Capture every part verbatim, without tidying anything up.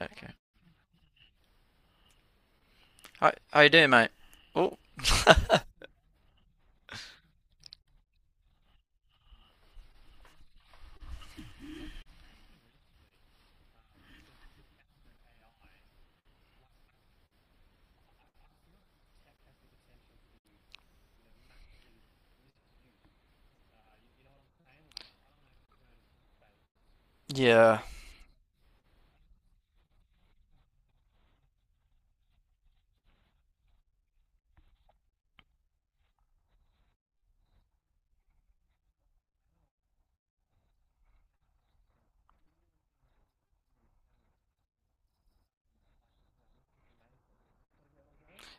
Okay. How, how you doing, mate? Oh, yeah.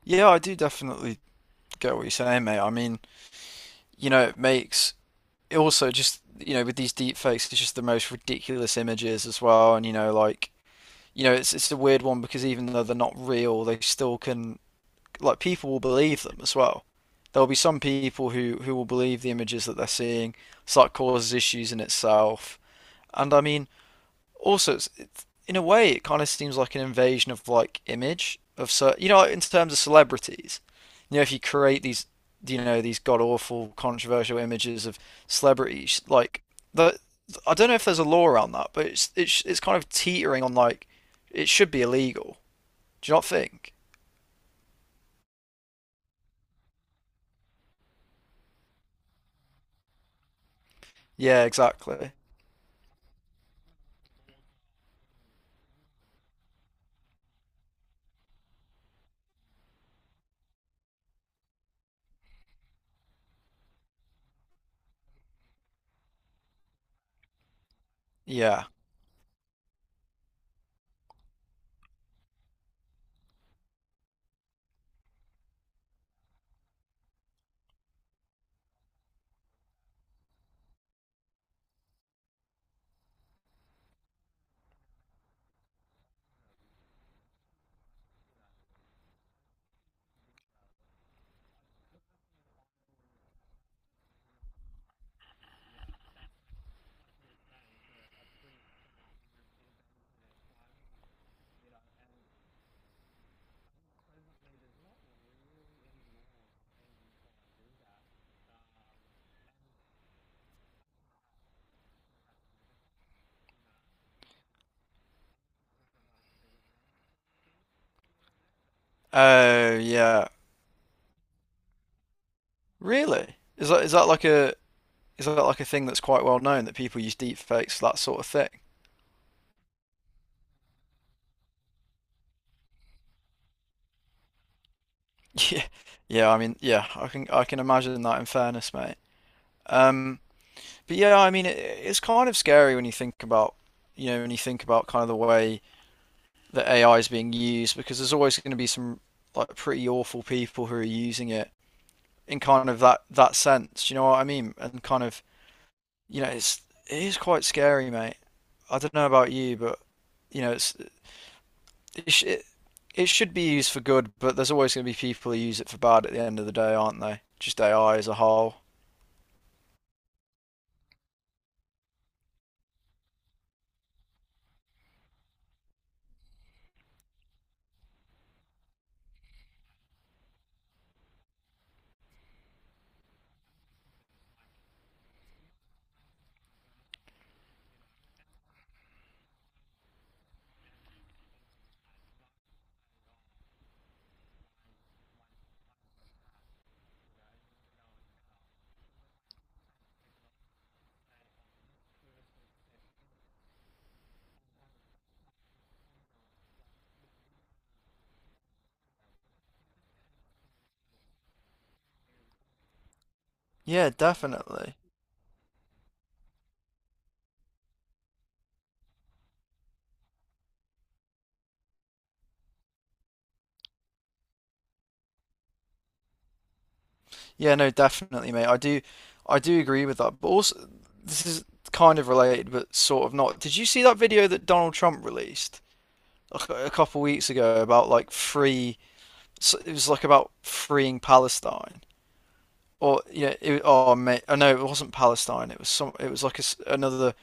Yeah, I do definitely get what you're saying, mate. I mean, you know, it makes it also just, you know, with these deep fakes, it's just the most ridiculous images as well. And, you know, like, you know, it's it's a weird one because even though they're not real, they still can, like, people will believe them as well. There'll be some people who who will believe the images that they're seeing, so that causes issues in itself. And I mean, also it's, it's in a way it kind of seems like an invasion of like image of so, you know, in terms of celebrities, you know, if you create these, you know, these god awful controversial images of celebrities, like the, I don't know if there's a law around that, but it's it's it's kind of teetering on like it should be illegal, do you not think? Yeah, exactly. Yeah. Oh, yeah. Really, is that, is that like a, is that like a thing that's quite well known that people use deepfakes for that sort of thing? Yeah, yeah, I mean, yeah, I can, I can imagine that in fairness, mate. Um, but yeah, I mean, it, it's kind of scary when you think about, you know, when you think about kind of the way that A I is being used, because there's always going to be some like pretty awful people who are using it in kind of that that sense. You know what I mean? And kind of, you know, it's it is quite scary, mate. I don't know about you, but you know, it's it sh it, it should be used for good, but there's always going to be people who use it for bad at the end of the day, aren't they? Just A I as a whole. Yeah, definitely. Yeah, no, definitely, mate. I do, I do agree with that. But also, this is kind of related, but sort of not. Did you see that video that Donald Trump released a cou- a couple weeks ago about like free? so It was like about freeing Palestine, or yeah, it, oh mate, oh no, it wasn't Palestine. It was some. It was like a s another,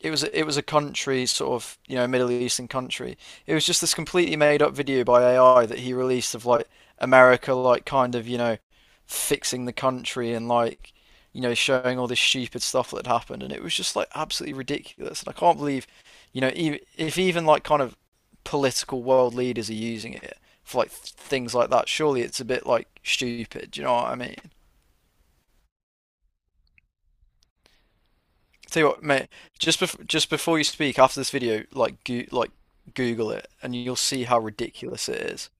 it was, it was a country sort of, you know, Middle Eastern country. It was just this completely made up video by A I that he released of like America like kind of, you know, fixing the country and like, you know, showing all this stupid stuff that happened, and it was just like absolutely ridiculous and I can't believe, you know, even if even like kind of political world leaders are using it for like things like that, surely it's a bit like stupid, do you know what I mean? Tell you what, mate, just bef just before you speak, after this video, like go like Google it, and you'll see how ridiculous it is.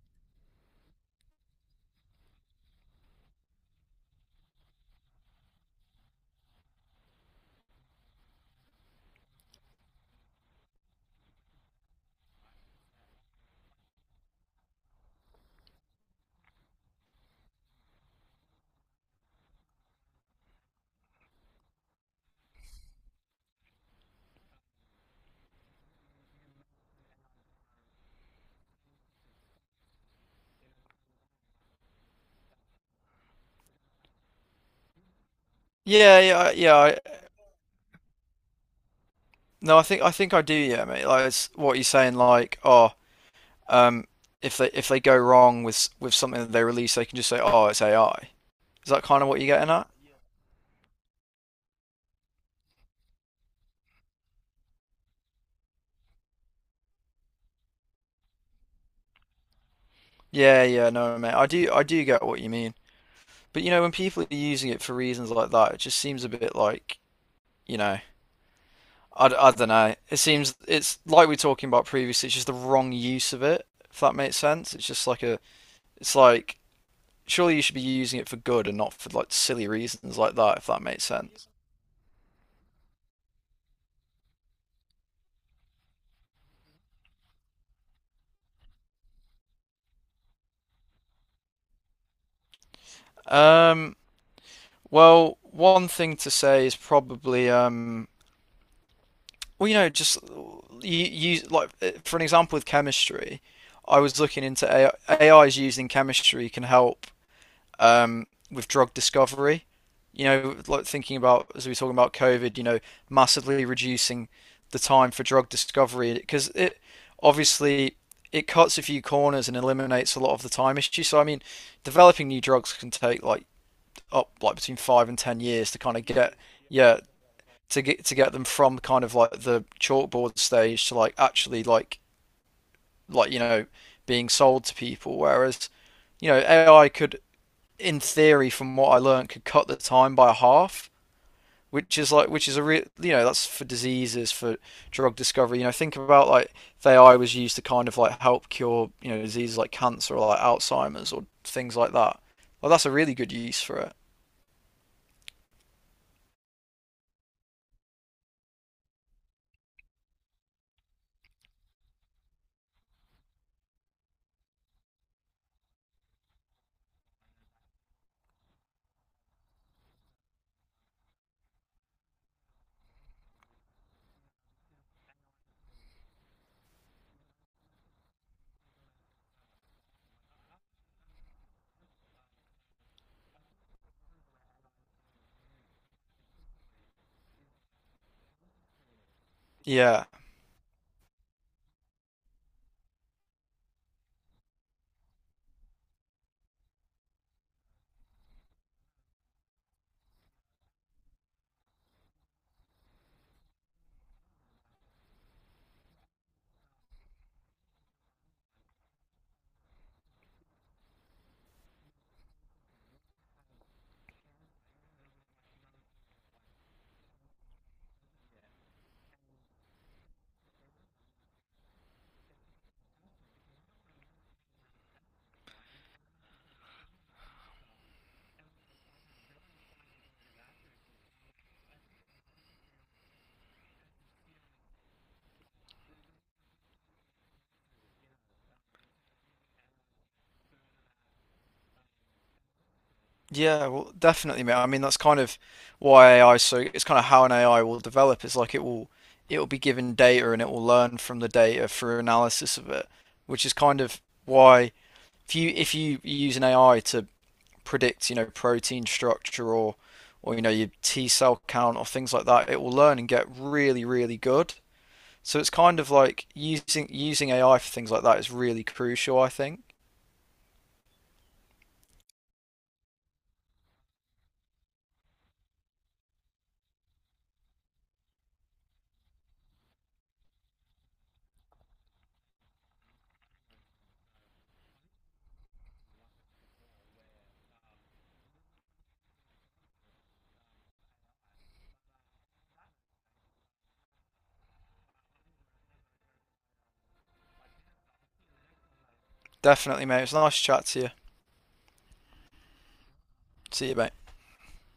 Yeah, yeah, I- yeah. I, no, I think I think I do. Yeah, mate. Like it's what you're saying. Like, oh, um, if they, if they go wrong with s- with something that they release, they can just say, oh, it's A I. Is that kind of what you're getting at? Yeah, yeah. No, mate. I do, I do get what you mean. But you know, when people are using it for reasons like that, it just seems a bit like, you know. I, I don't know. It seems it's like we were talking about previously. It's just the wrong use of it. If that makes sense, it's just like a. It's like surely you should be using it for good and not for like silly reasons like that. If that makes sense. Um. Well, one thing to say is probably um. well, you know, just you use like for an example with chemistry. I was looking into A I, is used in chemistry can help um, with drug discovery. You know, like thinking about as we were talking about COVID, you know, massively reducing the time for drug discovery because it obviously it cuts a few corners and eliminates a lot of the time issue. So I mean, developing new drugs can take like up like between five and ten years to kind of get yeah to get to get them from kind of like the chalkboard stage to like actually like like you know, being sold to people. Whereas you know A I could in theory, from what I learned, could cut the time by half, which is like which is a real, you know, that's for diseases for drug discovery. You know, think about like if A I was used to kind of like help cure, you know, diseases like cancer or like Alzheimer's or things like that. Well, that's a really good use for it. Yeah, yeah, well, definitely, mate. I mean, that's kind of why A I so it's kind of how an A I will develop. It's like it will it will be given data and it will learn from the data through analysis of it, which is kind of why if you if you use an A I to predict, you know, protein structure or or you know your T cell count or things like that, it will learn and get really really good. So it's kind of like using using A I for things like that is really crucial, I think. Definitely, mate. It was a nice chat to you. See you, mate.